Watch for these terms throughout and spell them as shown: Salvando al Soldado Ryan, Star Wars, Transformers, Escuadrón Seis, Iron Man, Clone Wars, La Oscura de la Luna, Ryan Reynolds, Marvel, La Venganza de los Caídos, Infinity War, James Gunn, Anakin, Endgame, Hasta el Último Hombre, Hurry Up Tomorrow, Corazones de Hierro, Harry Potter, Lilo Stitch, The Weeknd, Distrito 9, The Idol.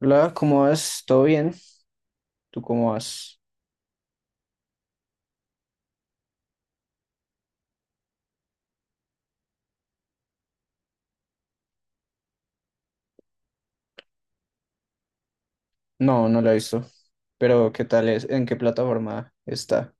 Hola, ¿cómo vas? ¿Todo bien? ¿Tú cómo vas? No, no la he visto. Pero ¿qué tal es? ¿En qué plataforma está?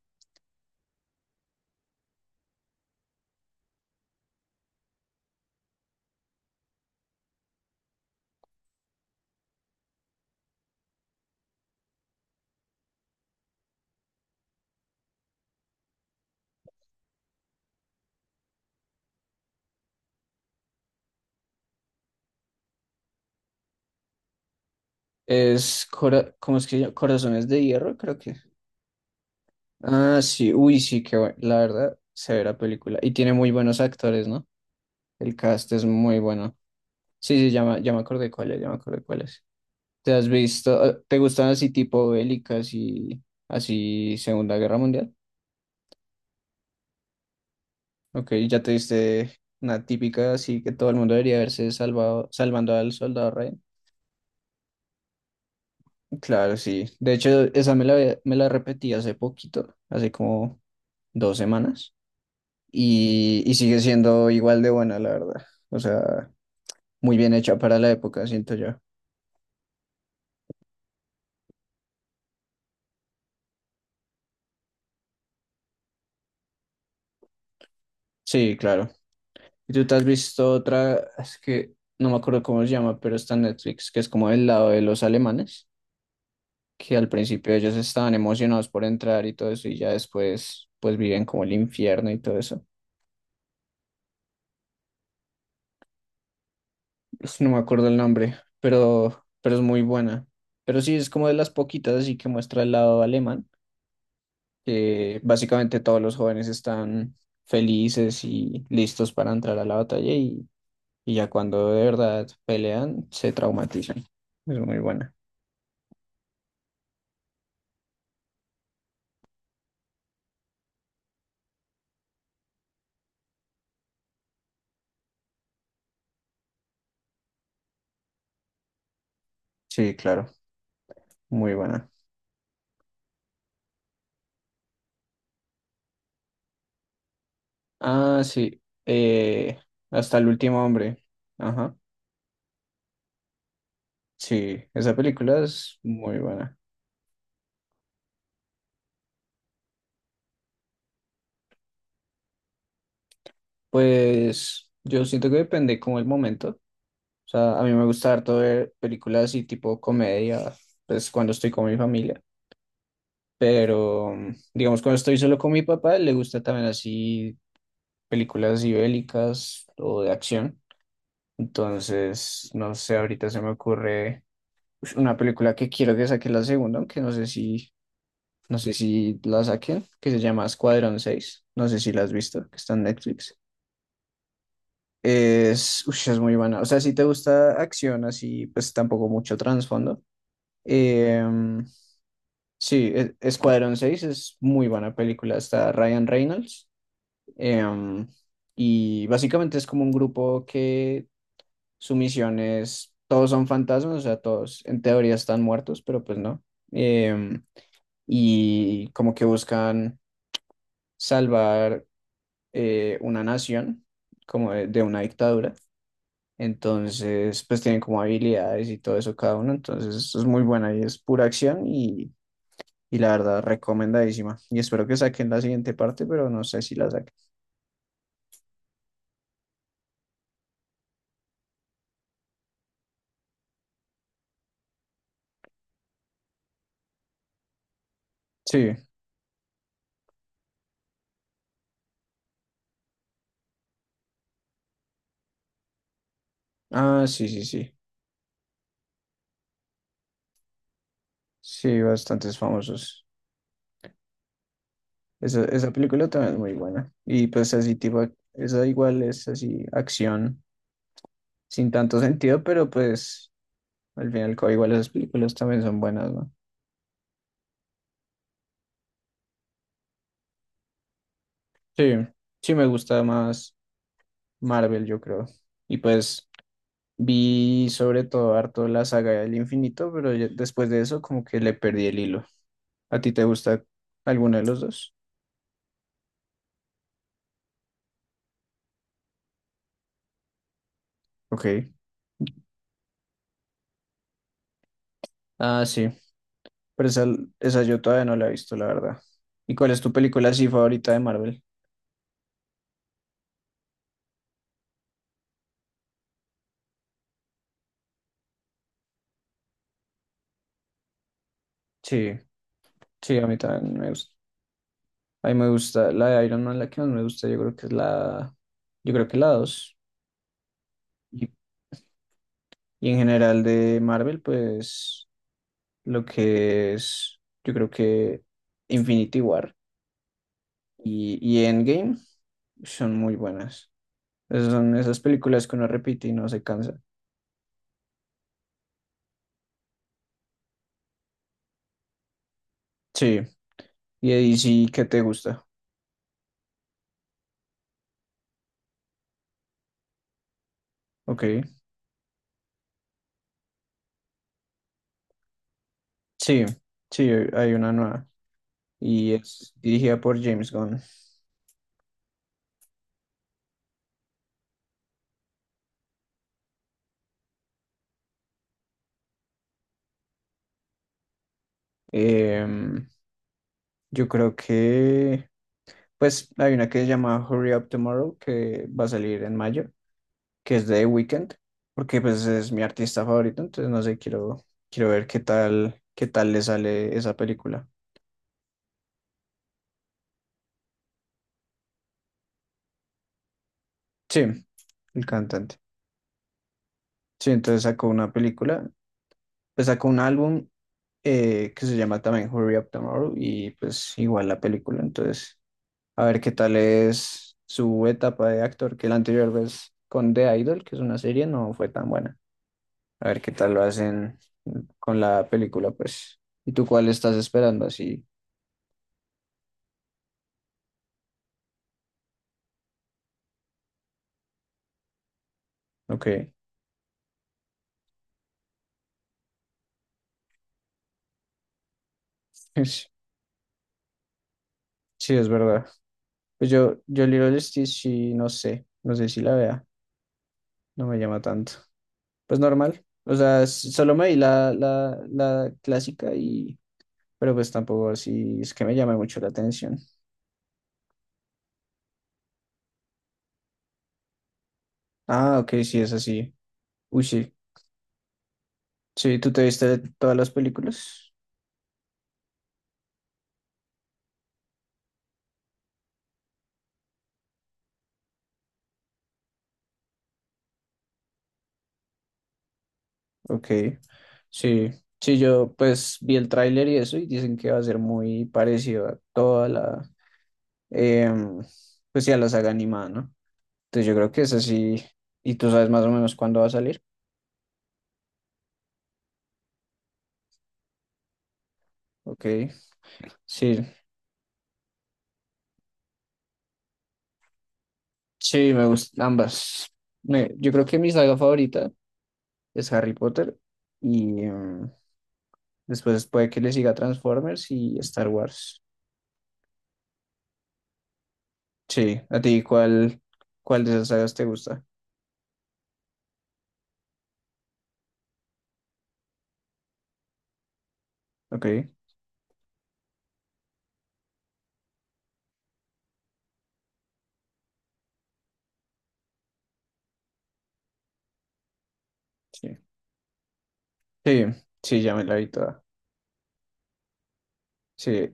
Es Cora- ¿cómo es que se llama? Corazones de Hierro, creo que. Ah, sí, uy, sí, qué bueno. La verdad, severa película. Y tiene muy buenos actores, ¿no? El cast es muy bueno. Sí, sí, ya me acordé cuál es, ya me acordé cuál es. ¿Te has visto? ¿Te gustan así tipo bélicas y así Segunda Guerra Mundial? Ok, ya te diste una típica, así que todo el mundo debería haberse salvado, salvando al soldado Ryan. Claro, sí. De hecho, esa me la, había- me la repetí hace poquito, hace como dos semanas, y, sigue siendo igual de buena, la verdad. O sea, muy bien hecha para la época, siento yo. Sí, claro. ¿Y tú te has visto otra? Es que no me acuerdo cómo se llama, pero está en Netflix, que es como del lado de los alemanes, que al principio ellos estaban emocionados por entrar y todo eso, y ya después pues viven como el infierno y todo eso. Uf, no me acuerdo el nombre, pero es muy buena. Pero sí, es como de las poquitas así que muestra el lado alemán, que básicamente todos los jóvenes están felices y listos para entrar a la batalla y, ya cuando de verdad pelean, se traumatizan. Es muy buena. Sí, claro, muy buena. Ah, sí, eh, hasta el último hombre. Ajá. Sí, esa película es muy buena. Pues yo siento que depende como el momento. O sea, a mí me gusta harto ver películas así tipo comedia, pues cuando estoy con mi familia. Pero digamos cuando estoy solo con mi papá, le gusta también así películas así bélicas o de acción. Entonces, no sé, ahorita se me ocurre ush, una película que quiero que saque la segunda, aunque no sé si la saquen, que se llama Escuadrón seis. No sé si la has visto, que está en Netflix. Es, ush, es muy buena. O sea, si te gusta acción así, pues tampoco mucho trasfondo. Em, sí, e- Escuadrón seis es muy buena película. Está Ryan Reynolds. Em, y básicamente es como un grupo que su misión es, todos son fantasmas, o sea, todos en teoría están muertos, pero pues no. Em, y como que buscan salvar una nación, como de una dictadura. Entonces, pues tienen como habilidades y todo eso cada uno. Entonces, es muy buena y es pura acción y, la verdad, recomendadísima. Y espero que saquen la siguiente parte, pero no sé si la saquen. Sí, ah, sí, sí, sí. Sí, bastantes famosos. Esa película también es muy buena. Y pues así tipo, ac- esa igual es así, acción sin tanto sentido, pero pues al final y al cabo igual esas películas también son buenas, ¿no? Sí, sí me gusta más Marvel, yo creo. Y pues... Vi sobre todo harto la saga del infinito, pero ya- después de eso como que le perdí el hilo. ¿A ti te gusta alguno de los dos? Ok. Ah, sí. Pero esa yo todavía no la he visto, la verdad. ¿Y cuál es tu película así favorita de Marvel? Sí, sí, a mí también me gusta. A mí me gusta la de Iron Man, la que más me gusta, yo creo que es la, yo creo que la dos. Y, en general de Marvel, pues lo que es, yo creo que Infinity War y, Endgame son muy buenas. Esas son esas películas que uno repite y no se cansa. Sí. Y ahí sí que te gusta. Ok. Sí. Sí, hay una nueva. Y es dirigida por James Gunn. Em, yo creo que. Pues hay una que se llama Hurry Up Tomorrow, que va a salir en mayo, que es de The Weeknd, porque pues es mi artista favorito, entonces no sé, quiero, quiero ver qué tal le sale esa película. Sí, el cantante. Sí, entonces sacó una película, pues sacó un álbum que se llama también Hurry Up Tomorrow y pues igual la película. Entonces, a ver qué tal es su etapa de actor, que la anterior vez con The Idol, que es una serie, no fue tan buena. A ver qué tal lo hacen con la película, pues. ¿Y tú cuál estás esperando? Así, ok. Es- sí, es verdad. Pues yo Lilo Stitch sí, no sé si la vea, no me llama tanto. Pues normal. O sea, s- solo me vi la, la clásica y pero pues tampoco así es que me llame mucho la atención. Ah, ok, sí, es así. Uy, sí. Sí, ¿tú te viste todas las películas? Ok, sí. Sí, yo pues vi el tráiler y eso y dicen que va a ser muy parecido a toda la, em, pues sí, a la saga animada, ¿no? Entonces yo creo que es así. ¿Y tú sabes más o menos cuándo va a salir? Ok, sí, sí, me gustan ambas. Me- yo creo que mi saga favorita es Harry Potter y, después puede que le siga Transformers y Star Wars. Sí, ¿a ti cuál, cuál de esas sagas te gusta? Ok, sí. Sí, sí, ya me la vi toda. Sí,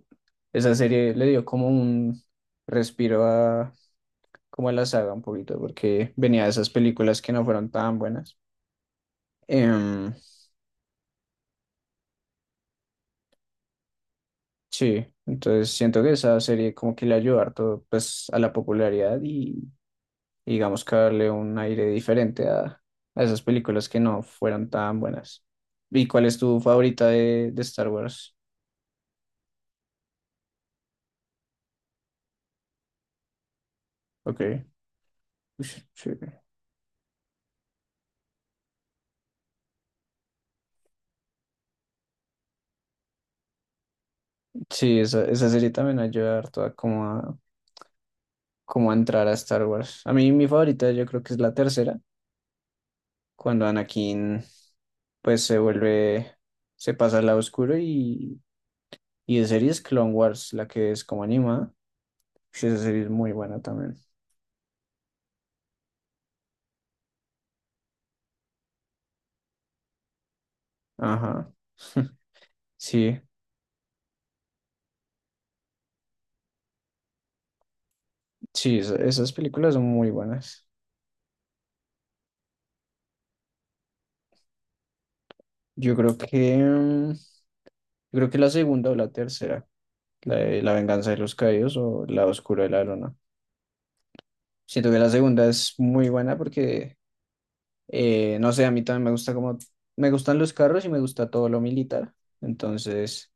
esa serie le dio como un respiro a, como a la saga un poquito, porque venía de esas películas que no fueron tan buenas. Em, sí, entonces siento que esa serie como que le ayudó harto pues a la popularidad y digamos que darle un aire diferente a esas películas que no fueran tan buenas. ¿Y cuál es tu favorita de Star Wars? Ok. Ush, chévere. Sí, esa serie también ayuda harto a como a, como a entrar a Star Wars. A mí mi favorita yo creo que es la tercera, cuando Anakin pues se vuelve, se pasa al lado oscuro y de series Clone Wars, la que es como animada. Ush, esa serie es muy buena también. Ajá. Sí, sí, esa- esas películas son muy buenas. Yo creo que, mm, yo creo que la segunda o la tercera, la de La venganza de los caídos o La oscura de la luna. Siento que la segunda es muy buena porque, no sé, a mí también me gusta como, me gustan los carros y me gusta todo lo militar. Entonces,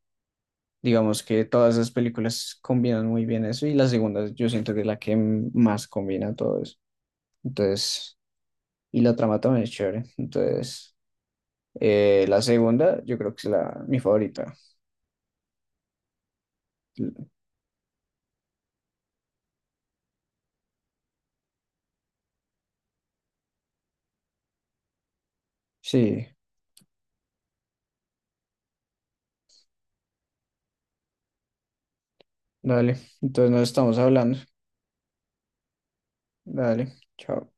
digamos que todas esas películas combinan muy bien eso y la segunda yo siento que es la que m- más combina todo eso. Entonces, y la trama también es chévere. Entonces... la segunda, yo creo que es la, mi favorita. Sí, dale. Entonces nos estamos hablando. Dale, chao.